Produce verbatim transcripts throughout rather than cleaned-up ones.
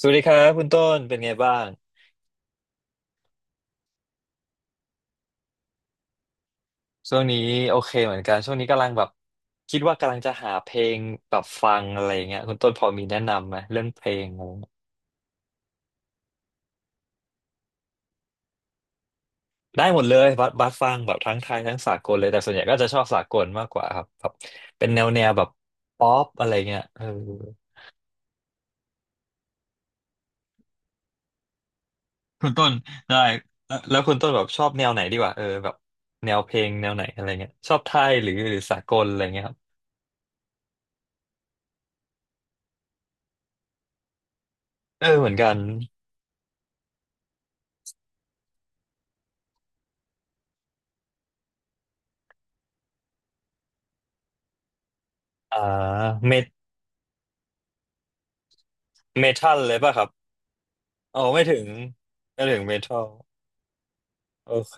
สวัสดีครับคุณต้นเป็นไงบ้างช่วงนี้โอเคเหมือนกันช่วงนี้กำลังแบบคิดว่ากำลังจะหาเพลงแบบฟังอะไรอย่างเงี้ยคุณต้นพอมีแนะนำไหมเรื่องเพลงอะไรเงี้ยได้หมดเลยบัสบัสฟังแบบทั้งไทยทั้งสากลเลยแต่ส่วนใหญ่ก็จะชอบสากลมากกว่าครับแบบเป็นแนวแนวแบบป๊อปอะไรเงี้ยเออคุณต้นได้แล้วแล้วคุณต้นแบบชอบแนวไหนดีกว่าเออแบบแนวเพลงแนวไหนอะไรเงี้ยชอบไทยหรือหรือสากลอะไรเงี้ยครับเออเหมือนกันอ่าเมทเมทัลเลยป่ะครับ โอ้ไม่ถึงไม่ถึงเมทัลโอเค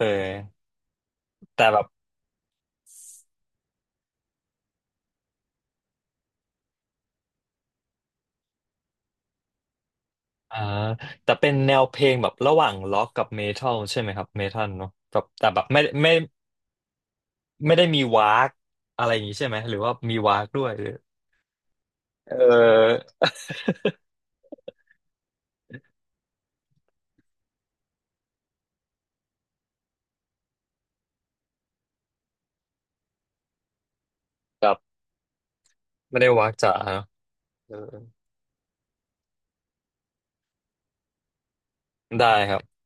แต่แบบอ่าแต่เป็นแนวเพลงแบบระหว่างล็อกกับเมทัลใช่ไหมครับเมทัลเนาะแบบแต่แบบไม่ไม่ไม่ได้มีวากอะไรอย่างงี้ใช่ไหมหรือว่ามีวากด้วยหรือเออ ครับไม่ได้วากจ๋าเนอะเออได้ครับ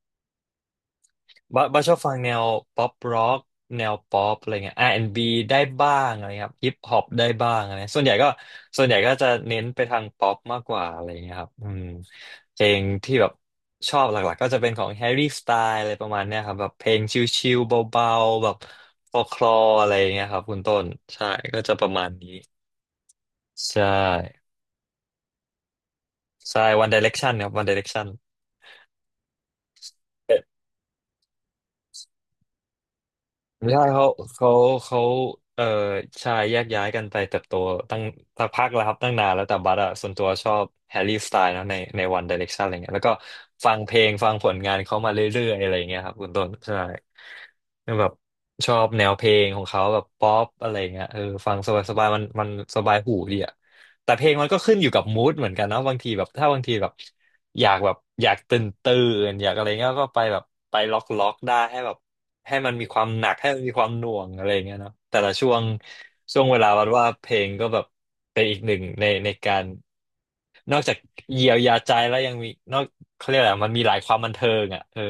บ้าบ้าชอบฟังแนวป๊อปร็อกแนวป๊อปอะไรเงี้ยอาร์แอนด์บ b ได้บ้างอะไรครับฮิปฮอปได้บ้างอะไรส่วนใหญ่ก็ส่วนใหญ่ก็จะเน้นไปทางป๊อปมากกว่าอะไรเงี้ยครับอืมเพลงที่แบบชอบหลักๆก็จะเป็นของแฮร์รี่สไตล์อะไรประมาณเนี้ยครับแบบเพลงชิลๆเบาๆแบบฟอคลออะไรเงี้ยครับคุณต้นใช่ก็จะประมาณนี้ใช่ใช่ One Direction ครับ One Direction ไม่ใช่เขาเขาเขาเอ่อชายแยกย้ายกันไปเติบโตตั้งสักพักแล้วครับตั้งนานแล้วแต่บัสอะส่วนตัวชอบแฮร์รี่สไตล์นะในในวันไดเรกชันอะไรเงี้ยแล้วก็ฟังเพลงฟังผลงานเขามาเรื่อยๆอะไรเงี้ยครับคุณต้นใช่แบบชอบแนวเพลงของเขาแบบป๊อปอะไรเงี้ยเออฟังสบายๆมันมันสบายหูดีอะแต่เพลงมันก็ขึ้นอยู่กับมูดเหมือนกันนะบางทีแบบถ้าบางทีแบบอยากแบบอยากตื่นตื่นอยากอะไรเงี้ยก็ไปแบบไปล็อกล็อกได้ให้แบบ ให้มันมีความหนักให้มันมีความหน่วงอะไรอย่างเงี้ยเนาะแต่ละช่วงช่วงเวลาวัดว่าเพลงก็แบบเป็นอีกหนึ่งในในการนอกจากเยียวยาใจแล้วยังมีนอกเขาเรียกอะไรมันมีหลายความบันเทิงอ่ะเออ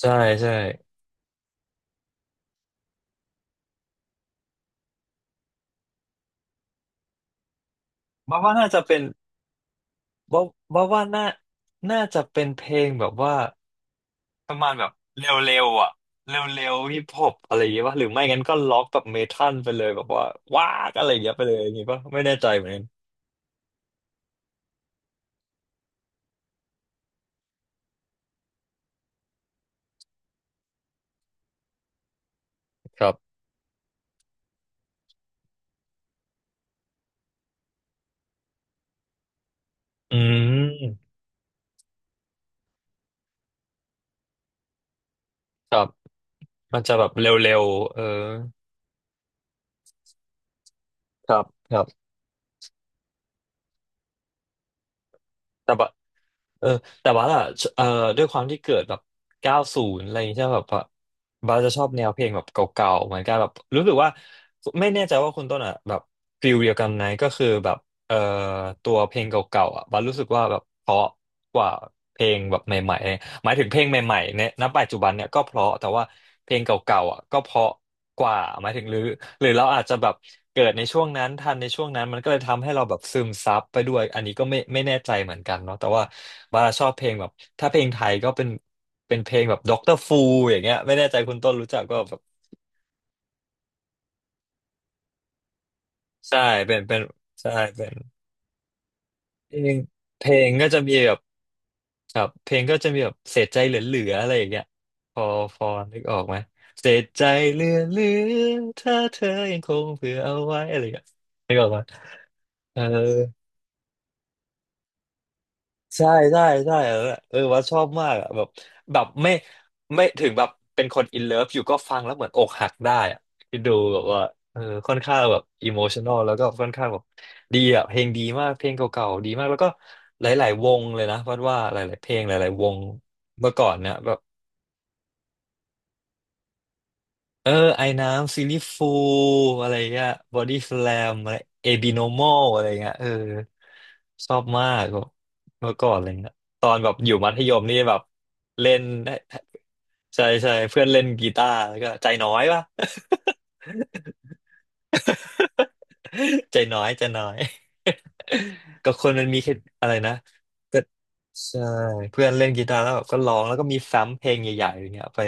ใช่ใช่บ้าว่าน่าจะเป็นบ้าบ้าว่าน่าน่าจะเป็นเพลงแบบว่าประมาณแบบเร็วๆอ่ะเร็วๆฮิปฮอปอะไรอย่างเงี้ยป่ะหรือไม่งั้นก็ล็อกแบบเมทัลไปเลยแบบว่าว้ากอะไรอย่างเงี้ยไปเลยอย่างงี้ป่ะไม่แน่ใจเหมือนกันครับอืมครับ มันจะแบบเร็วๆเออครับครับแต่ว่าเออแต่ว่าล่ะเออด้วยความที่เกิดแบบเก้าศูนย์อะไรอย่างเงี้ยมแบบว่าบาสจะชอบแนวเพลงแบบเก่าๆ เหมือนกันแบบรู้สึกว่าไม่แน่ใจว่าคุณต้นอ่ะแบบฟิลเดียวกันไหมก็คือแบบเออตัวเพลงเก่าๆอ่ะบาสรู้สึกว่าแบบเพราะกว่าเพลงแบบใหม่ๆ หมายถึงเพลงใหม่ๆเนี่ยณปัจจุบันเนี่ยก็เพราะแต่ว่าเพลงเก่าๆอ่ะก็เพราะกว่าหมายถึงหรือหรือเราอาจจะแบบเกิดในช่วงนั้นทันในช่วงนั้นมันก็เลยทำให้เราแบบซึมซับไปด้วยอันนี้ก็ไม่ไม่แน่ใจเหมือนกันเนาะแต่ว่าบาราชอบเพลงแบบถ้าเพลงไทยก็เป็นเป็นเพลงแบบด็อกเตอร์ฟูอย่างเงี้ยไม่แน่ใจคุณต้นรู้จักก็แบบใช่เป็นเป็นใช่เป็น เพลงเพลงก็จะมีแบบครับเพลงก็จะมีแบบเสียใจเหลือๆอะไรอย่างเงี้ยพอพอนึกออกไหมเสียใจเหลือๆถ้าเธอยังคงเผื่อเอาไว้อะไรอย่างเงี้ยเออ ใช่ใช่ใช่เออเออว่าชอบมากอะแบบแบบไม่ไม่ถึงแบบเป็นคนอินเลิฟอยู่ก็ฟังแล้วเหมือนอกหักได้อะคดูแบบว่าเออค่อนข้างแบบอิโมชัน a ลแล้วก็ค่อนข้างแบบดีอะเพลงดีมากเพลงเก่าๆดีมากแล้วก็หลายๆวงเลยนะวัดว่าหลายๆเพลงหลายๆวงเมื่อก่อนเนี่ยแบบ เออไอน้ำซีรีฟูอะไรเงี้ยบอดี้สแลมอะไรเอบิโนมอลอะไรเงี้ยเออชอบมากแบบเมื่อก่อนอะไรเงี้ยตอนแบบอยู่มัธยมนี่แบบเล่นได้ใช่ใช่เพื่อนเล่นกีตาร์แล้วก็ใจน้อยปะ ใจน้อยใจน้อย ก็คนมันมีแค่อะไรนะก็ใช่เพื่อนเล่นกีตาร์แล้วแบบก็ร้องแล้วก็มีซ้ำเพลงใหญ่ๆอย่างเงี้ยไป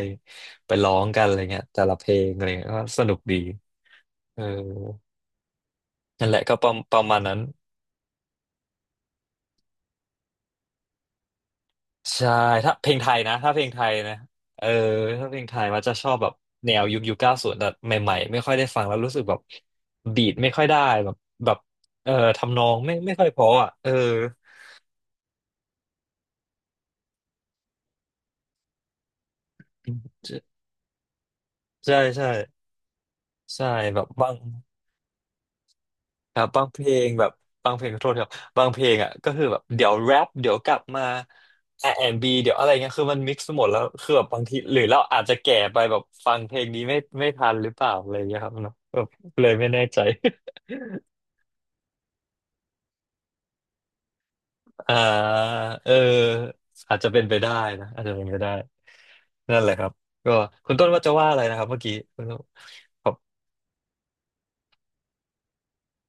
ไปร้องกันอะไรเงี้ยแต่ละเพลงอะไรเงี้ยก็สนุกดีเออ นั่นแหละก็ประประมาณนั้นใช่ถ้าเพลงไทยนะถ้าเพลงไทยนะเออถ้าเพลงไทยมันจะชอบแบบแนวยุคยุคเก้าศูนย์แบบใหม่ๆไม่ค่อยได้ฟังแล้วรู้สึกแบบบีทไม่ค่อยได้แบบแบบเออทำนองไม่ไม่ค่อยเพออ่ะเออใช่ใช่ใช่แบบบาง ครับบางเพลงแบบบางเพลงขอโทษครับบางเพลงอ่ะก็คือแบบเดี๋ยวแรปเดี๋ยวกลับมา r ีเดี๋ยวอะไรเงี้ยคือมันมิกซ์หมดแล้วคือแบบบางทีหรือเราอาจจะแก่ไปแบบฟังเพลงนี้ไม่ไม่ทันหรือเปล่าอะไรเงี้ยครับเนาะแบบเลยไม่แน่ใจ อ่าเอออาจจะเป็นไปได้นะอาจจะเป็นไปได้นั่นแหละครับก็คุณต้นว่าจะว่าอะไรนะครับเมื่อกี้คุณต้นครับ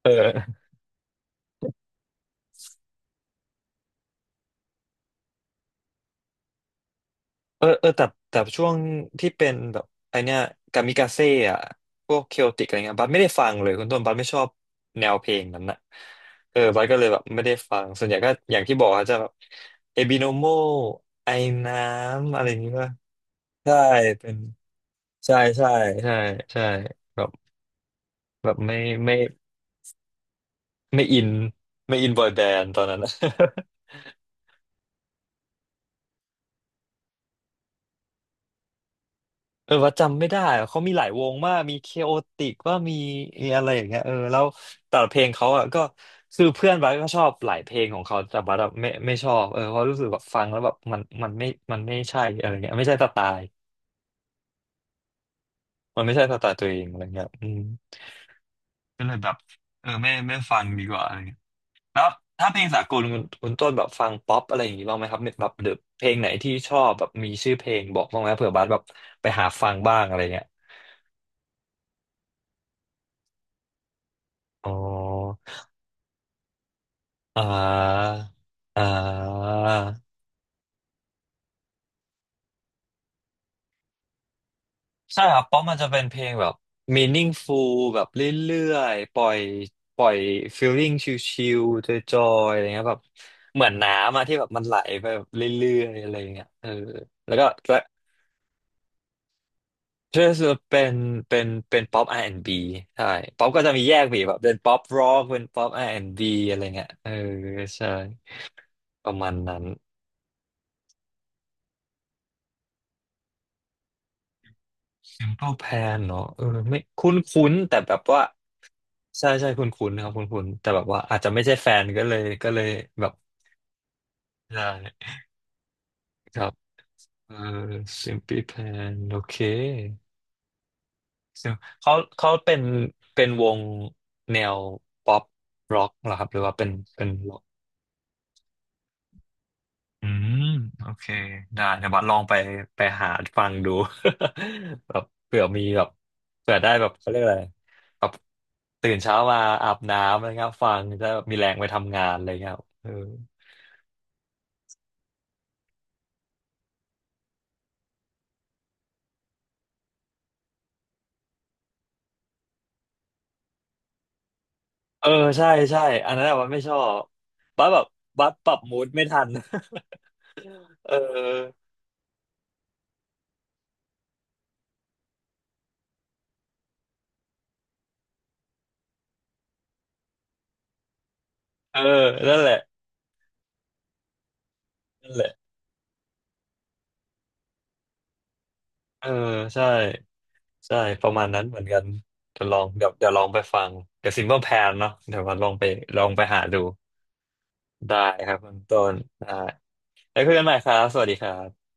เออ เออเออแต่แต่ช่วงที่เป็นแบบไอเนี้ยกามิกาเซ่อะพวกเคโอติกอะไรเงี้ยบัสไม่ได้ฟังเลยคุณต้นบัสไม่ชอบแนวเพลงนั้นนะเออบัสก็เลยแบบไม่ได้ฟังส่วนใหญ่ก็อย่างที่บอกอะจะแบบเอบิโนโมไอน้ำอะไรนี้ป่ะใช่เป็นใช่ใช่ใช่ใช่แบบแบบไม่ไม่ไม่อินไม่อินบอยแบนด์ตอนนั้นนะ เออว่าจำไม่ได้อะเขามีหลายวงมากมีเคโอติกว่ามีมีอะไรอย่างเงี้ยเออแล้วแต่ละเพลงเขาอ่ะก็คือเพื่อนบัสก็ชอบหลายเพลงของเขาแต่บัสอะไม่ไม่ชอบเออเพราะรู้สึกแบบฟังแล้วแบบมันมันไม่มันไม่ใช่อะไรเงี้ยไม่ใช่สไตล์มันไม่ใช่สไตล์ตัวเองอะไรเงี้ยอืมก็เลยแบบเออไม่ไม่ฟังดีกว่าอะไรเงี้ยแล้วถ้าเพลงสากลคุณคุณต้นแบบฟังป๊อปอะไรอย่างงี้บ้างไหมครับแบบหรือเพลงไหนที่ชอบแบบมีชื่อเพลงบอกบ้างไหมเผื่อบัสแบบไปหาฟังบ้างอะไรเงี้ยอ๋อ อ่าอ่าใช่ครับเพราะมันจะเป็นเพลงแบบ meaningful แบบเรื่อยๆปล่อยปล่อย feeling ชิลๆจอยๆอะไรเงี้ยแบบเหมือนน้ำอะที่แบบมันไหลไปแบบเรื่อยๆอะไรเงี้ยเออแล้วก็แล้วก็จะเป็นเป็นเป็นป๊อป อาร์ แอนด์ บี ใช่ป๊อปก็จะมีแยกไปอีกแบบเป็นป๊อปร็อกเป็นป๊อป อาร์ แอนด์ บี อนด์บีอะไรเงี้ยเออใช่ประมาณนั้น Temple Plan เนาะเออไม่คุ้นคุ้นแต่แบบว่าใช่ใช่คุ้นคุ้นนะครับคุ้นคุ้นแต่แบบว่าอาจจะไม่ใช่แฟนก็เลยก็เลยแบบได้ครับเออ Simply Plan โอเคซึ่งเขาเขาเป็นเป็นวงแนวป๊อปร็อกเหรอครับหรือว่าเป็นเป็น อืมโอเคได้เดี๋ยวบัดลองไปไปหาฟังดู แบบเผื่อมีแบบเผื่อได้แบบเขาเรียกอะไรแบบตื่นเช้ามาอาบน้ำอะไรเงี้ยฟังจะได้แบบมีแรงไปทำงานอะไรเงี้ยเออเออใช่ใช่อันนั้นอะบัดไม่ชอบบัดแบบบัดปรับมูดไม่ทัน เออเออนั่นแหละนั่นแหละเออใช่ใช่ประมาณนั้นเหมือนกันเดี๋ยวลองเดี๋ยวเดี๋ยวลองไปฟังเดี๋ยว Simple Plan เนาะเดี๋ยวบัดลองไปลองไปหาดู ได้ครับคุณต้น ได้แล้วคุยกันใหม่ครับ สวัสดีครับ